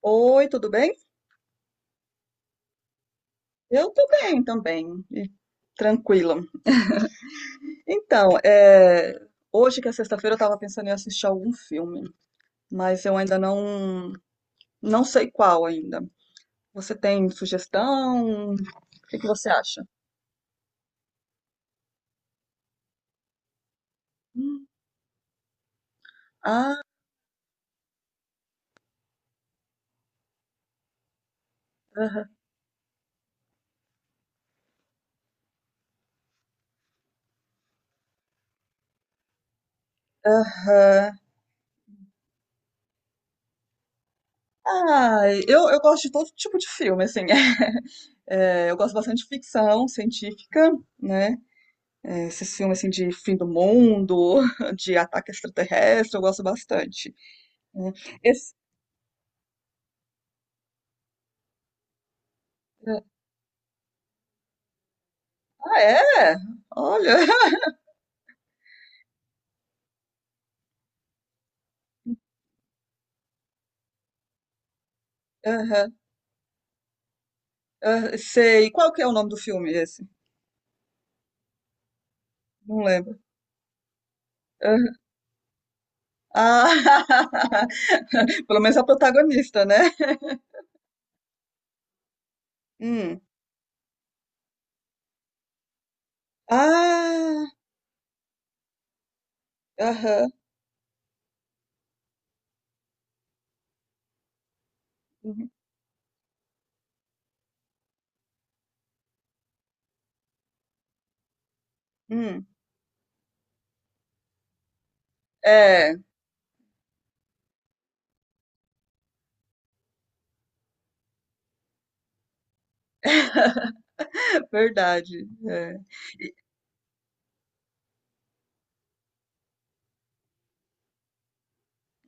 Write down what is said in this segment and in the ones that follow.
Oi, tudo bem? Eu tô bem também, e tranquila. Então, hoje que é sexta-feira eu tava pensando em assistir algum filme, mas eu ainda não sei qual ainda. Você tem sugestão? O que que você acha? Hum. Ah, aham, aham. Ah, eu gosto de todo tipo de filme, assim. É, eu gosto bastante de ficção científica, né? É, esses filmes assim de fim do mundo, de ataque extraterrestre, eu gosto bastante. Né. Esse- É, ah, é? Olha. Aham, aham, sei. Qual que é o nome do filme esse? Não lembro. Aham. Ah, pelo menos a protagonista, né? Hum. Ah, aham. Uhum, hum. É, verdade. É.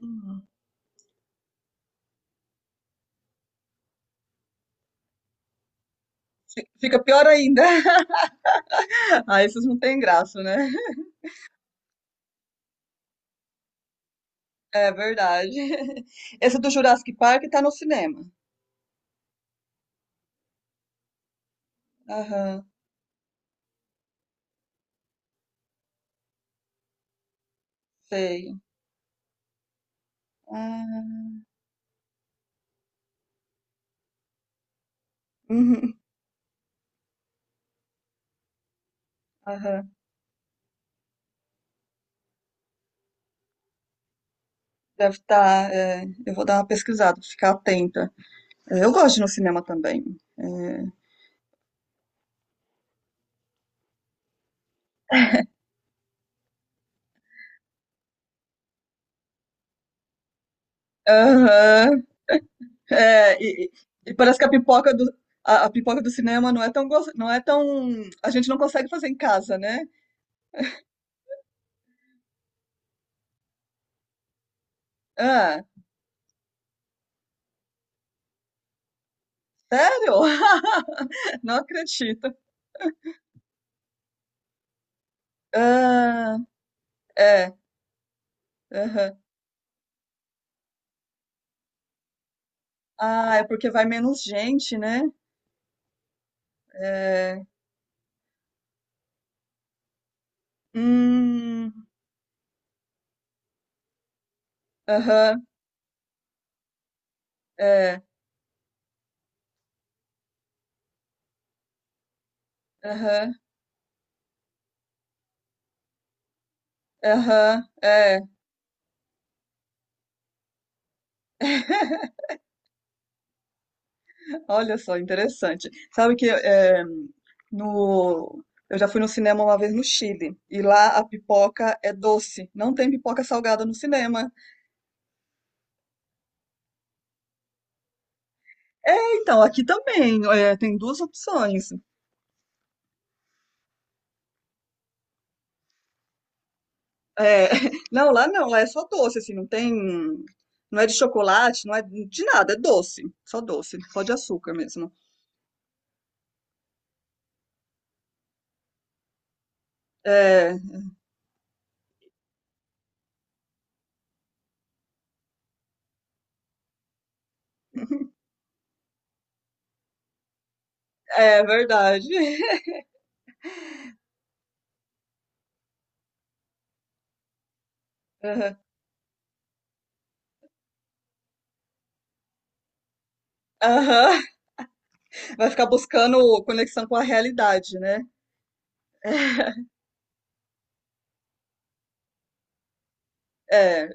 Hum. Fica pior ainda. Ah, esses não têm graça, né? É verdade. Esse do Jurassic Park tá no cinema. Aham, sei. Ah, uhum, aham. Deve estar. Eu vou dar uma pesquisada, ficar atenta. É, eu gosto de ir no cinema também. É. Aham. É, e parece que a pipoca do cinema não é tão. A gente não consegue fazer em casa, né? Ah, sério? Não acredito. Ah, é. Aham. Ah, é porque vai menos gente, né? É, hum, aham, é, aham, aham, é. Olha só, interessante. Sabe que é, no, eu já fui no cinema uma vez no Chile e lá a pipoca é doce, não tem pipoca salgada no cinema. Então, aqui também é, tem duas opções. É, não, lá não, lá é só doce, assim, não tem, não é de chocolate, não é de nada, é doce, só de açúcar mesmo. É, é verdade. Aham. Aham. Vai ficar buscando conexão com a realidade, né? É.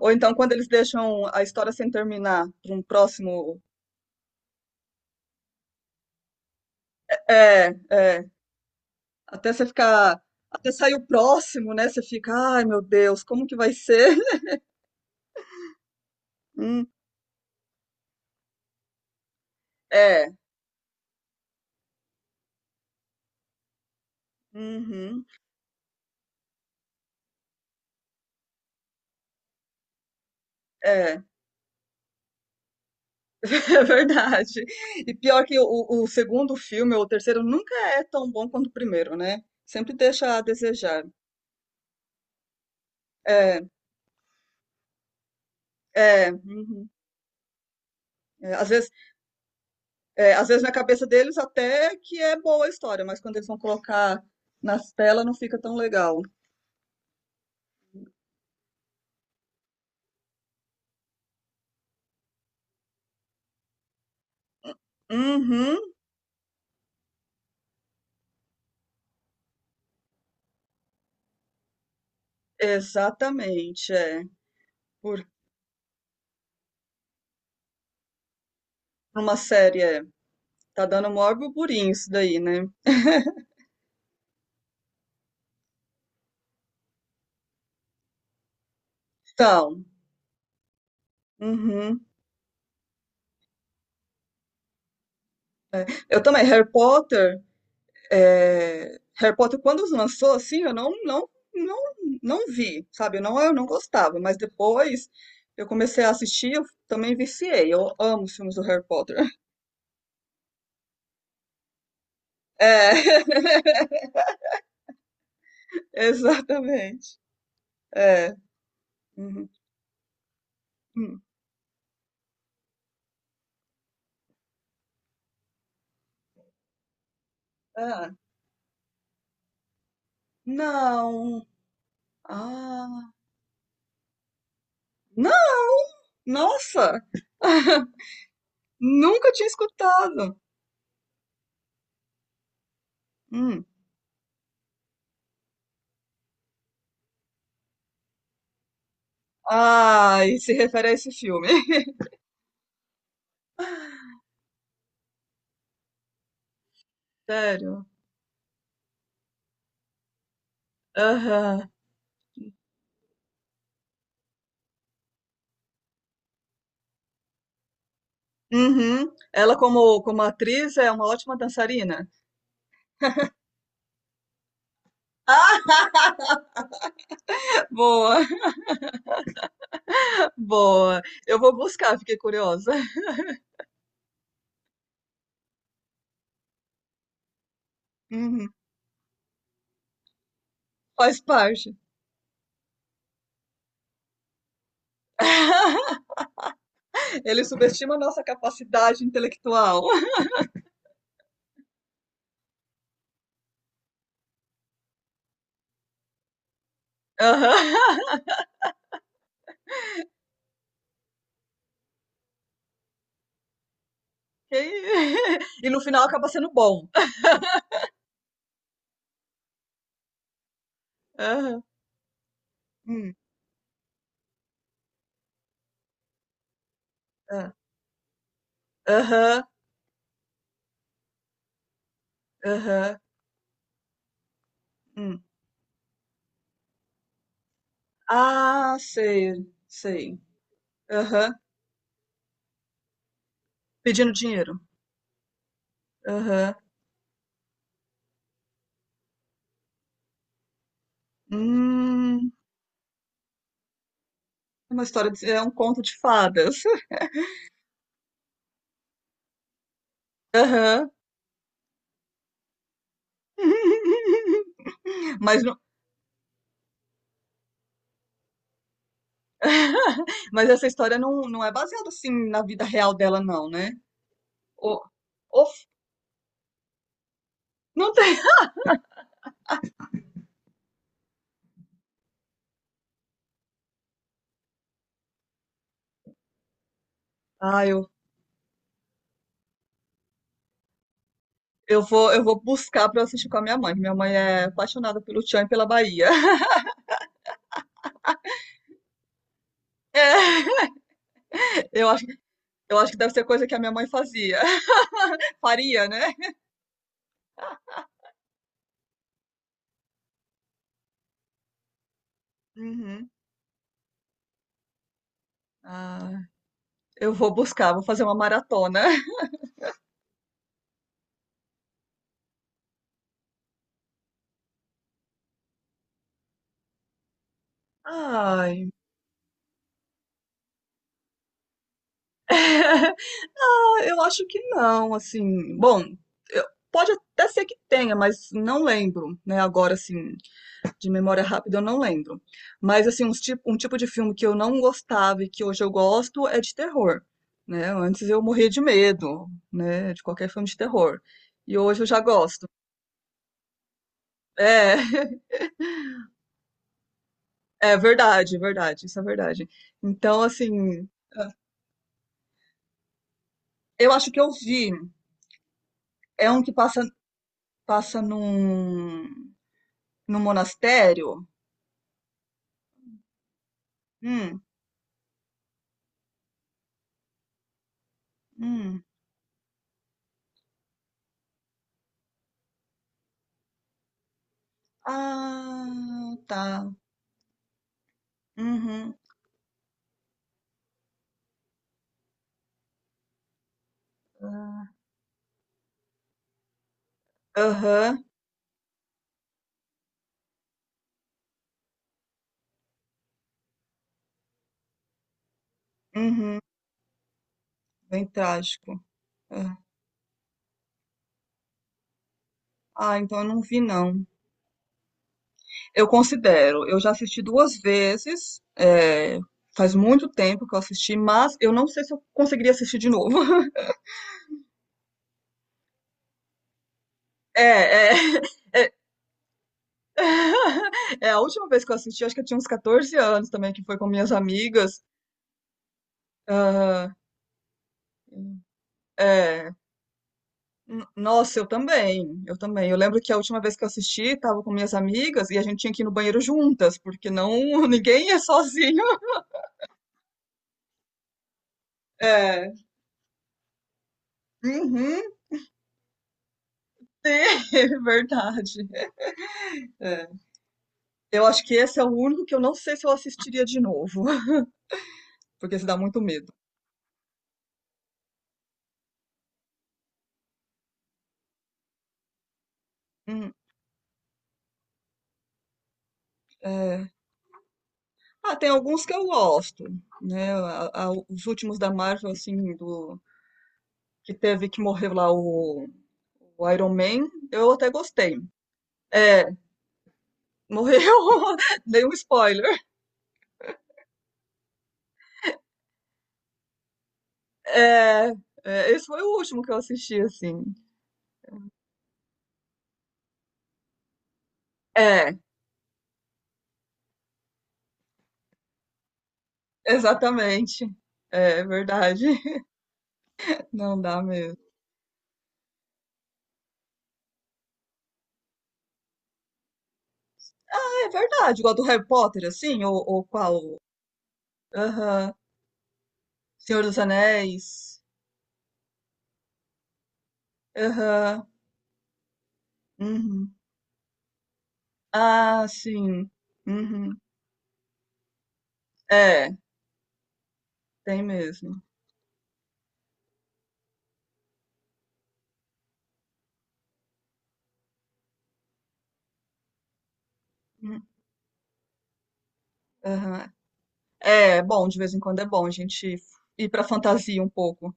Ou então quando eles deixam a história sem terminar para um próximo. É, é. Até você ficar. Até sair o próximo, né? Você fica, ai meu Deus, como que vai ser? Hum, é. Uhum, é, é verdade. E pior que o segundo filme, ou o terceiro, nunca é tão bom quanto o primeiro, né? Sempre deixa a desejar. É, é, uhum. É, às vezes é, às vezes na cabeça deles até que é boa a história, mas quando eles vão colocar nas telas não fica tão legal. Uhum, exatamente, é. Por Uma série, é. Tá dando maior burburinho isso daí, né? Então, uhum. Eu também, Harry Potter quando lançou, assim, eu não, não, não, não vi, sabe? eu não gostava, mas depois eu comecei a assistir, eu também viciei. Eu amo os filmes do Harry Potter. É, exatamente. É. Uhum. Hum. É. Não. Ah, não! Nossa! Nunca tinha escutado. Hum. Ah, e se refere a esse filme. Sério. Aham. Uhum. Ela como atriz é uma ótima dançarina. Boa, boa. Eu vou buscar, fiquei curiosa. Uhum. Faz parte. Ele subestima a nossa capacidade intelectual. Aham. E no final acaba sendo bom. Aham. Hum. Ah, aham, aham. Hum. Ah, sei, sei. Aham. Pedindo dinheiro. Aham. Hum, uma história de é um conto de fadas. Aham. Mas não Mas essa história não é baseada, assim, na vida real dela não, né? Ou ou não tem. Ah, eu vou buscar pra eu assistir com a minha mãe é apaixonada pelo Tchan e pela Bahia. É, eu acho eu acho que deve ser coisa que a minha mãe fazia. Faria, né? Uhum. Ah, eu vou buscar, vou fazer uma maratona. Ai, ah, eu acho que não, assim. Bom, eu- pode até ser que tenha, mas não lembro, né? Agora, assim, de memória rápida, eu não lembro. Mas, assim, um tipo de filme que eu não gostava e que hoje eu gosto é de terror, né? Antes eu morria de medo, né? De qualquer filme de terror. E hoje eu já gosto. É, é verdade, verdade, isso é verdade. Então, assim, eu acho que eu vi. É um que passa num monastério. Hum, hum. Ah, tá. Uhum. Aham. Uhum. Bem trágico. É. Ah, então eu não vi, não. Eu considero. Eu já assisti duas vezes. É, faz muito tempo que eu assisti, mas eu não sei se eu conseguiria assistir de novo. É, é, é, é a última vez que eu assisti, acho que eu tinha uns 14 anos também, que foi com minhas amigas. Ah, é, nossa, eu também, eu também. Eu lembro que a última vez que eu assisti, tava com minhas amigas e a gente tinha que ir no banheiro juntas, porque não, ninguém é sozinho. É, uhum, é verdade. É. Eu acho que esse é o único que eu não sei se eu assistiria de novo, porque se dá muito medo. Hum, é. Ah, tem alguns que eu gosto, né? Os últimos da Marvel, assim, do que teve que morrer lá o Iron Man, eu até gostei. É, morreu? Dei um spoiler. É, é, esse foi o último que eu assisti, assim. É, exatamente. É verdade. Não dá mesmo. É verdade, igual do Harry Potter, assim, ou, qual? Aham. Senhor dos Anéis. Aham. Uhum. Ah, sim. Uhum. É, tem mesmo. Hum, Aham. É, bom, de vez em quando é bom a gente ir pra fantasia um pouco.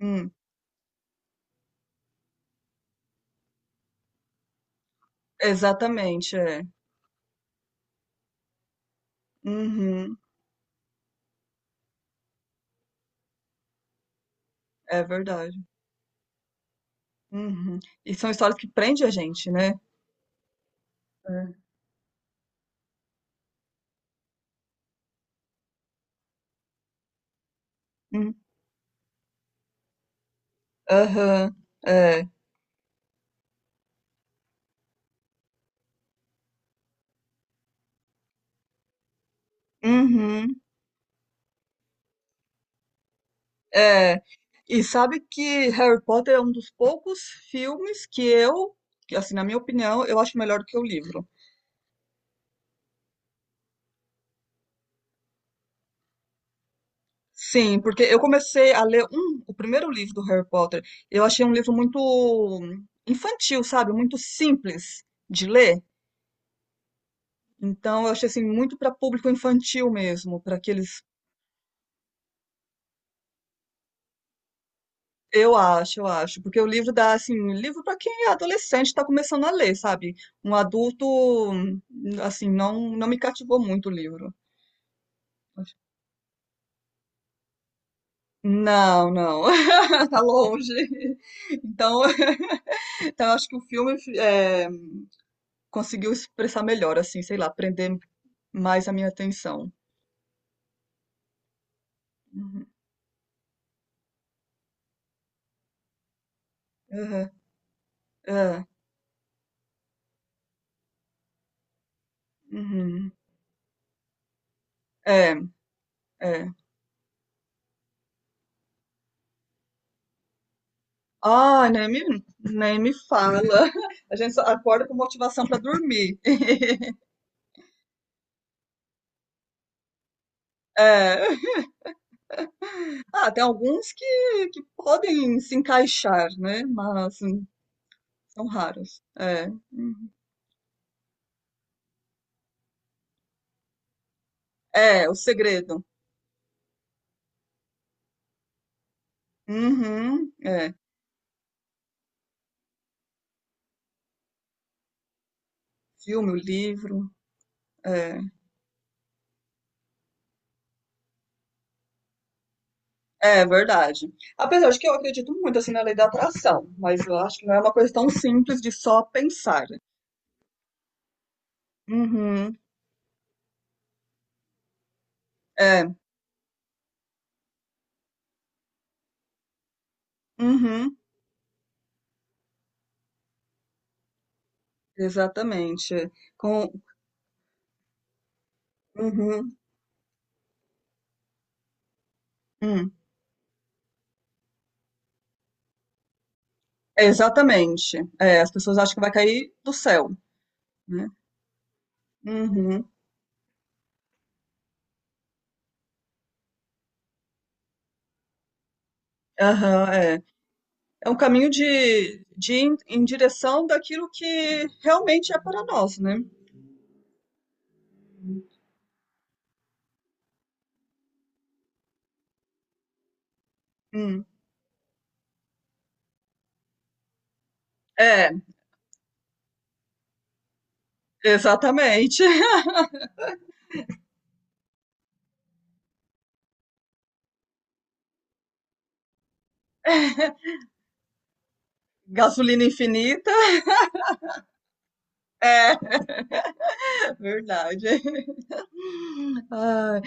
Hum, exatamente, é. Uhum, é verdade. Uhum. E são histórias que prendem a gente, né? É. Hum. Aham. É. Uhum. É. E sabe que Harry Potter é um dos poucos filmes que, assim, na minha opinião, eu acho melhor do que o livro. Sim, porque eu comecei a ler o primeiro livro do Harry Potter. Eu achei um livro muito infantil, sabe? Muito simples de ler. Então, eu achei assim muito para público infantil mesmo, para aqueles. Eu acho, porque o livro dá assim, um livro para quem é adolescente está começando a ler, sabe? Um adulto, hum, assim não me cativou muito o livro. Não, não, tá longe. Então, então eu acho que o filme conseguiu expressar melhor, assim, sei lá, prender mais a minha atenção. Uhum, uhum, é, uhum. É, é. Ah, nem me fala. A gente só acorda com motivação para dormir. É. Ah, tem alguns que podem se encaixar, né? Mas, são raros. É, uhum. É o segredo. Uhum, é. Filme, o livro. É, é verdade. Apesar de que eu acredito muito assim na lei da atração, mas eu acho que não é uma coisa tão simples de só pensar. Uhum, é, uhum, exatamente. Com, uhum, hum, exatamente. É, as pessoas acham que vai cair do céu, né? Uhum, aham, é. É um caminho de ir em direção daquilo que realmente é para nós, né? Hum. É, exatamente. Gasolina infinita, é verdade. Ai,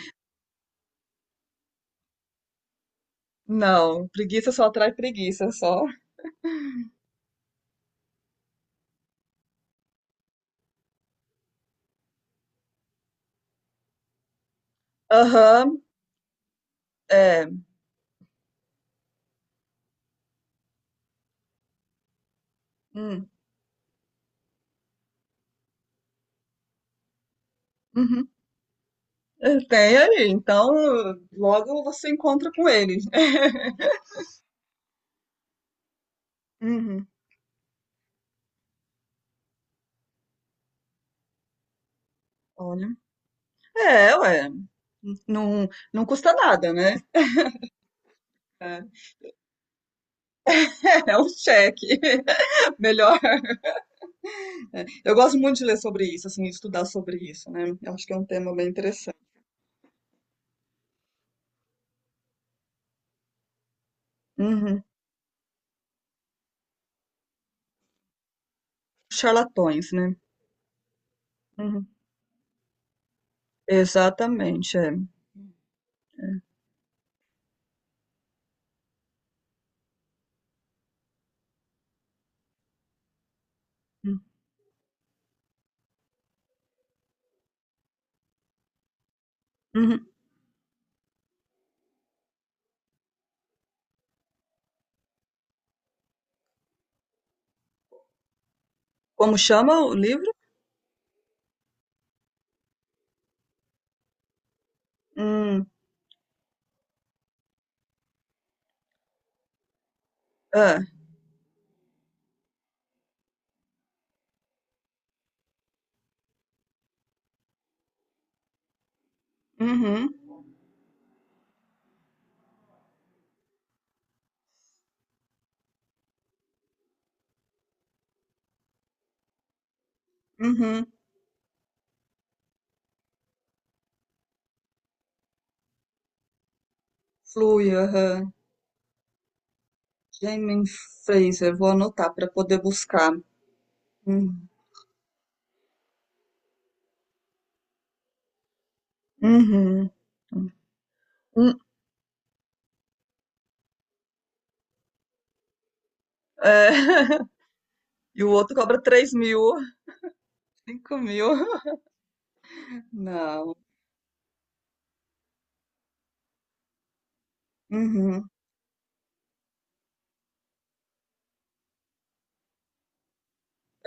não, preguiça só atrai preguiça, só. Aham, é. Hum, uhum. É, tem aí, então logo você encontra com ele. Uhum, olha. É, ué, não, não custa nada, né? É, é um cheque. Melhor É, eu gosto muito de ler sobre isso, assim, estudar sobre isso, né? Eu acho que é um tema bem interessante. Uhum. Charlatões, né? Uhum. Exatamente, é. Hum, uhum. Como chama o livro? Hum, é. Uhum, uhum. Flui, aham. Jamie Fraser, vou anotar para poder buscar. Hum, Uhum. Hum, é. E o outro cobra 3.000, 5.000. Não. Uhum.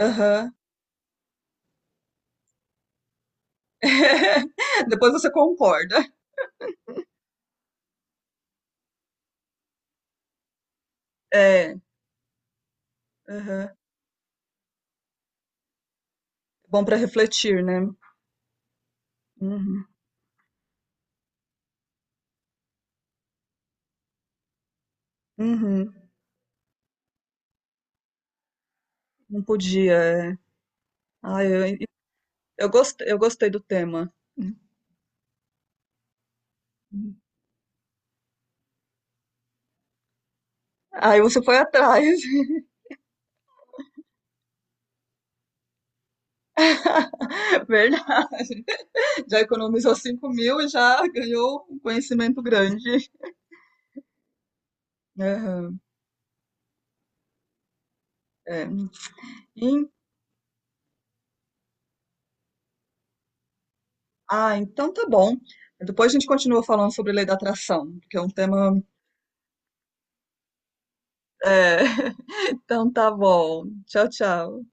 Aham. Depois você concorda. É. Aham. Bom para refletir, né? Uhum. Uhum. Não podia. É. Ai, eu, eu gostei do tema. Uhum. Aí você foi atrás, verdade. Já economizou 5.000 e já ganhou um conhecimento grande. Aham, é. E- ah, então tá bom. Depois a gente continua falando sobre lei da atração, que é um tema. É. Então tá bom. Tchau, tchau.